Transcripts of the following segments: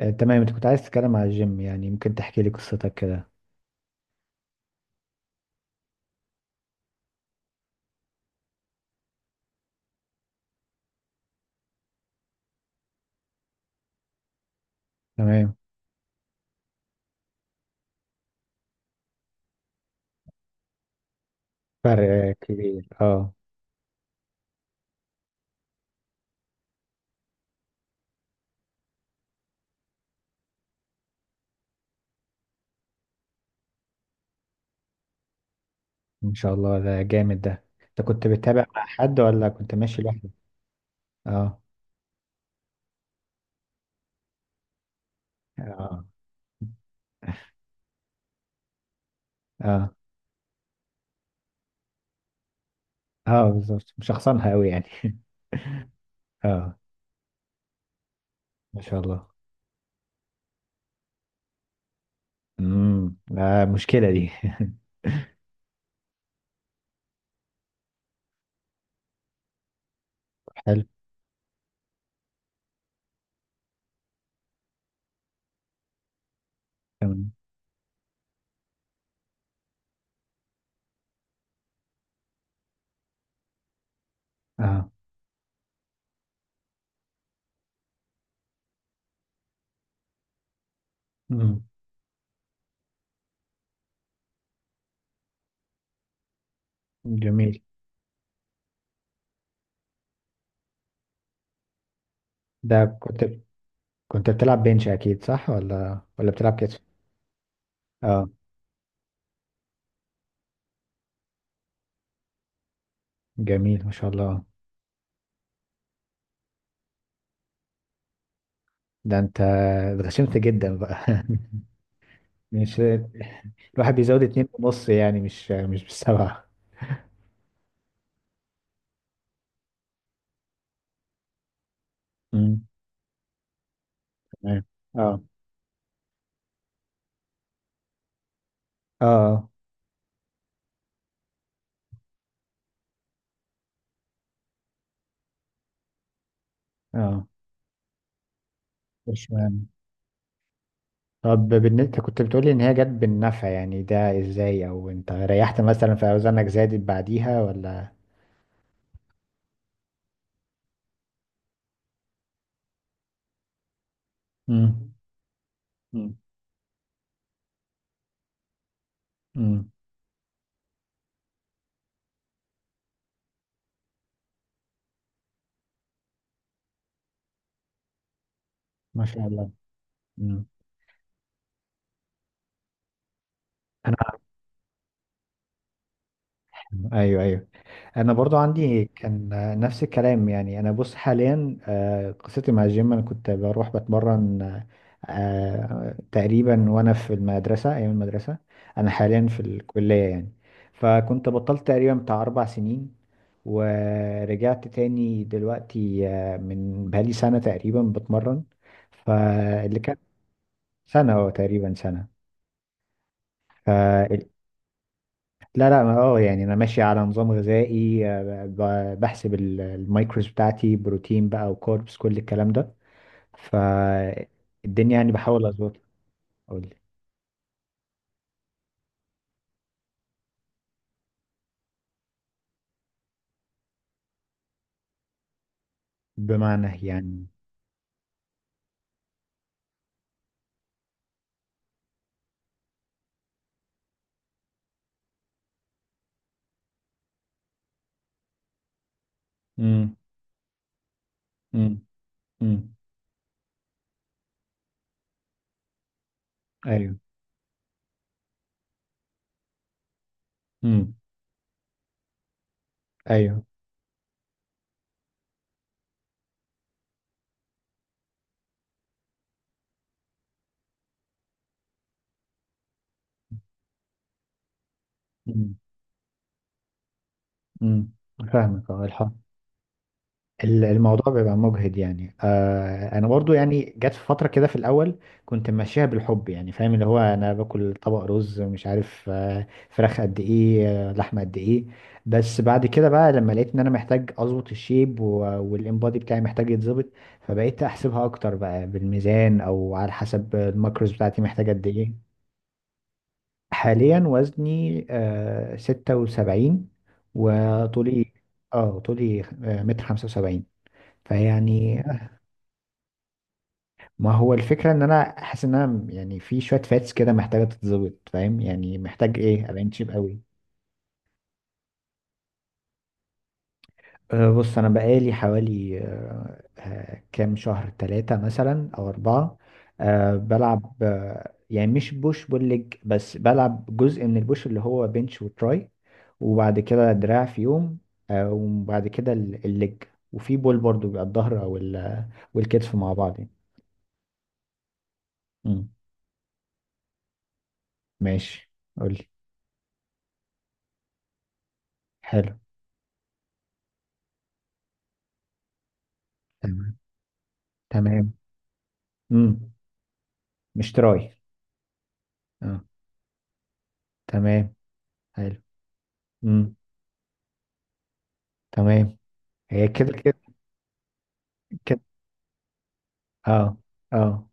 تمام، انت كنت عايز تتكلم على الجيم. يعني ممكن تحكي لي قصتك كده؟ تمام. فرق كبير، اه. ان شاء الله ده جامد. ده انت كنت بتتابع مع حد ولا كنت ماشي لوحدك؟ اه. اه. اه. اه بالظبط، مشخصنها قوي يعني. اه، ما شاء الله. مشكلة دي. حلو. تمام. اه. امم. جميل. ده كنت بتلعب بنش اكيد صح، ولا بتلعب كتف؟ اه، جميل، ما شاء الله. ده انت اتغشمت جدا بقى. مش الواحد بيزود اتنين ونص يعني، مش بالسبعة. امم. تمام. اه. اه. اه. مش مهم. طب بالنسبة، أنت كنت بتقولي ان هي جت بالنفع، يعني ده ازاي؟ او انت ريحت مثلا، في اوزانك زادت بعديها ولا؟ امم. امم. امم. ما شاء الله. امم. انا. ايوه، ايوه. انا برضو عندي كان نفس الكلام. يعني انا بص، حاليا، قصتي مع الجيم، انا كنت بروح بتمرن، تقريبا وانا في المدرسه، ايام المدرسه. انا حاليا في الكليه يعني. فكنت بطلت تقريبا بتاع اربع سنين، ورجعت تاني دلوقتي، من بقالي سنه تقريبا بتمرن. فاللي كان سنه، تقريبا سنه. لا لا، اه، يعني انا ماشي على نظام غذائي، بحسب المايكروز بتاعتي، بروتين بقى وكاربس، كل الكلام ده. فالدنيا يعني بحاول اظبطها. اقول لك. بمعنى يعني. امم. امم. امم. ايوه. امم. ايوه. امم. امم. فاهمك، اه، الحمد. الموضوع بيبقى مجهد يعني. آه انا برضو يعني جت في فتره كده في الاول كنت ماشيها بالحب، يعني فاهم، اللي هو انا باكل طبق رز، مش عارف آه فراخ قد ايه، آه لحمه قد ايه. بس بعد كده بقى لما لقيت ان انا محتاج اظبط الشيب، والانبادي بتاعي محتاج يتظبط. فبقيت احسبها اكتر بقى بالميزان، او على حسب الماكروز بتاعتي محتاجه قد ايه. حاليا وزني آه 76، وطولي، اه طولي آه متر 75. فيعني، ما هو الفكرة ان انا حاسس ان انا يعني في شوية فاتس كده محتاجة تتظبط، فاهم يعني؟ محتاج ايه ابقى شيب قوي. أه بص، انا بقالي حوالي أه كام شهر، ثلاثة مثلا او اربعة. أه بلعب أه، يعني مش بوش بول ليج، بس بلعب جزء من البوش، اللي هو بنش وتراي. وبعد كده دراع في يوم. أه وبعد كده الليج. وفي بول برضو بيبقى الظهر، او والكتف مع بعض يعني. مم، ماشي. قولي. حلو. تمام. تمام. امم. مش تراي؟ اه. تمام. حلو. امم. تمام. هي كده كده. كده، اه. اه،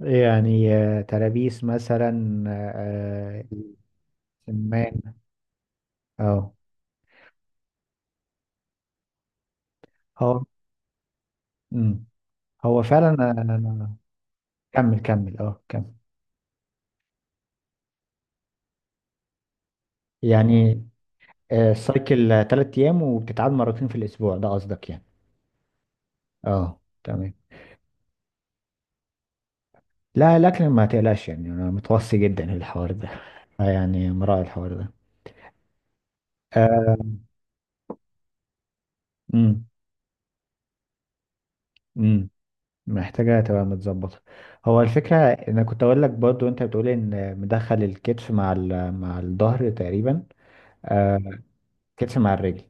يعني ترابيس مثلا، سمان. اه. هو. امم. هو فعلا، انا. كمل كمل، اه كمل. يعني آه سايكل ثلاث ايام وبتتعاد مرتين في الاسبوع ده قصدك يعني؟ اه تمام. لا لكن ما تقلقش، يعني انا متوصي جدا للحوار ده. يعني مراعي الحوار ده. آه، امم. محتاجة تبقى متظبطة. هو الفكرة انا كنت اقول لك برضو، انت بتقول ان مدخل الكتف مع مع الظهر تقريبا. آه، كتف مع الرجل.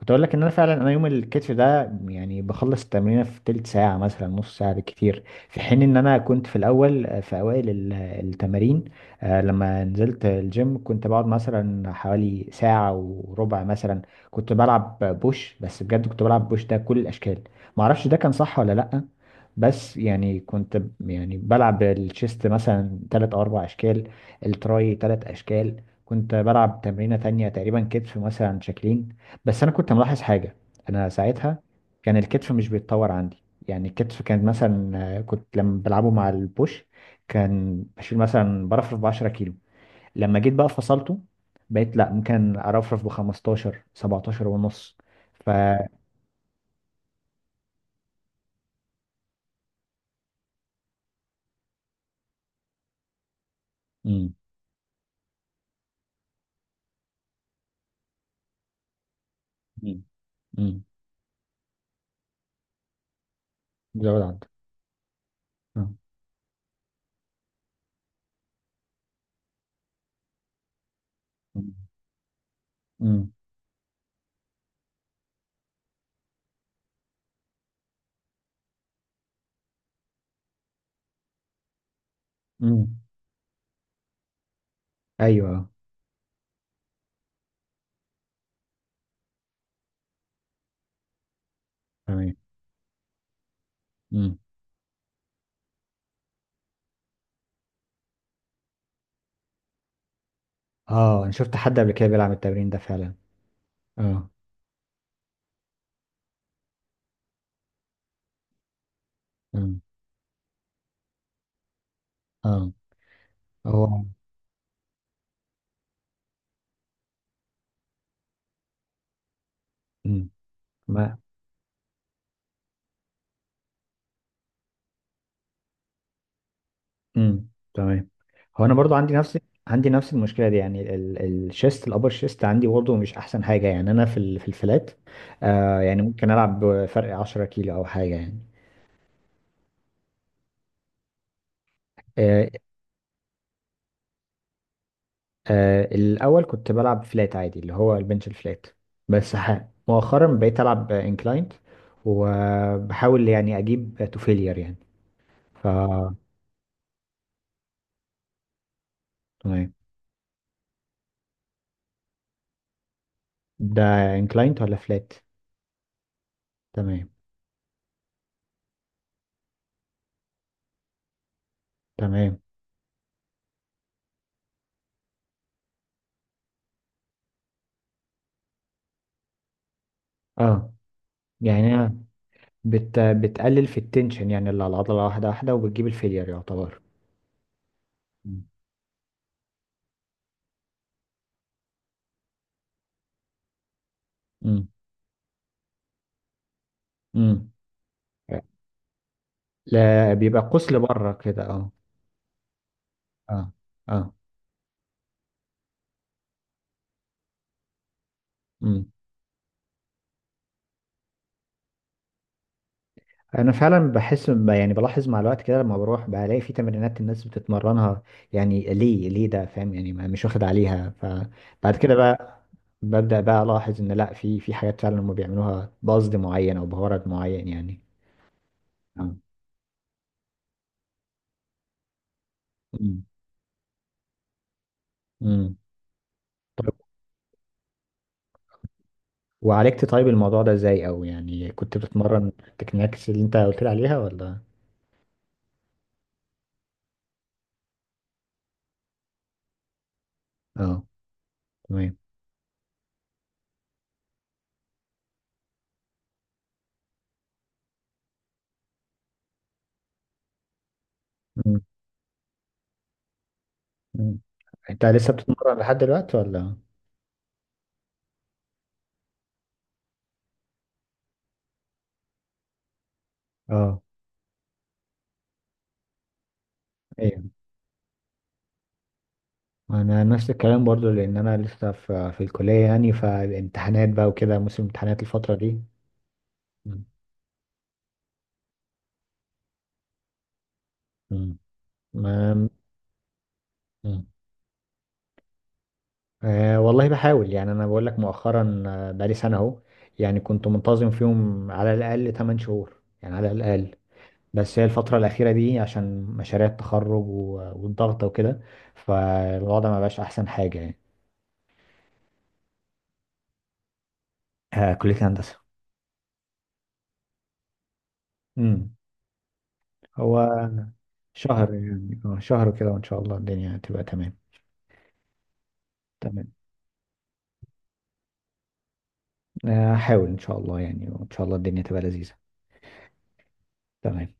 كنت اقول لك ان انا فعلا، انا يوم الكتف ده يعني بخلص التمرين في تلت ساعه مثلا، نص ساعه بالكتير. في حين ان انا كنت في الاول، في اوائل التمارين، لما نزلت الجيم كنت بقعد مثلا حوالي ساعه وربع مثلا. كنت بلعب بوش بس، بجد كنت بلعب بوش ده كل الاشكال. ما اعرفش ده كان صح ولا لا. بس يعني كنت يعني بلعب الشيست مثلا تلات او اربع اشكال، التراي تلات اشكال، كنت بلعب تمرينة تانية تقريبا كتف مثلا شكلين. بس أنا كنت ملاحظ حاجة. أنا ساعتها كان الكتف مش بيتطور عندي. يعني الكتف كان مثلا، كنت لما بلعبه مع البوش كان بشيل مثلا، برفرف ب 10 كيلو. لما جيت بقى فصلته، بقيت لا، ممكن أرفرف ب 15 17 ونص. ف مم. مم. مم. زود عندك. آه. مم. مم. مم. أيوه. تمام. مم. اه انا شفت حد قبل كده بيلعب التمرين ده فعلا. اه. اه. هو. امم. ما. امم. تمام. هو انا برضو عندي نفس المشكله دي. يعني الشيست الابر شيست عندي برضو مش احسن حاجه. يعني انا في في الفلات، آه يعني ممكن العب بفرق 10 كيلو او حاجه يعني. آه. الاول كنت بلعب فلات عادي، اللي هو البنش الفلات. بس مؤخرا بقيت العب انكلاينت. وبحاول يعني اجيب تو فيلير يعني. ف تمام. ده انكلاينت ولا فلات؟ تمام. تمام. اه. يعني بتقلل في التنشن يعني، اللي على العضلة، واحدة واحدة وبتجيب الفيلير يعتبر. مم. مم. مم. لا بيبقى قوس لبره كده، اه. اه. اه. مم. انا فعلا بحس يعني بلاحظ مع الوقت كده، لما بروح بلاقي في تمرينات الناس بتتمرنها، يعني ليه ده؟ فاهم يعني؟ مش واخد عليها. فبعد كده بقى ببدأ بقى الاحظ ان لا، في حاجات فعلا هم بيعملوها بقصد معين او بغرض معين يعني. اه. مم. مم. وعالجت طيب الموضوع ده ازاي، او يعني كنت بتتمرن التكنيكس اللي انت قلت لي عليها ولا؟ اه، تمام. مم. مم. انت لسه بتتمرن لحد دلوقتي ولا؟ اه. ايوه. انا نفس الكلام برضو، لان انا لسه في الكليه يعني. فالامتحانات بقى وكده، موسم امتحانات الفتره دي. مم. مم. ما. مم. آه والله بحاول يعني. انا بقول لك مؤخرا، بقالي سنه اهو، يعني كنت منتظم فيهم على الاقل 8 شهور، يعني على الاقل. بس هي الفترة الأخيرة دي عشان مشاريع التخرج والضغط وكده. فالوضع ما بقاش أحسن حاجة يعني. آه، كلية هندسة. امم. هو شهر يعني، اه شهر كده وإن شاء الله الدنيا تبقى تمام. تمام. هحاول إن شاء الله يعني، وإن شاء الله الدنيا تبقى لذيذة. تمام.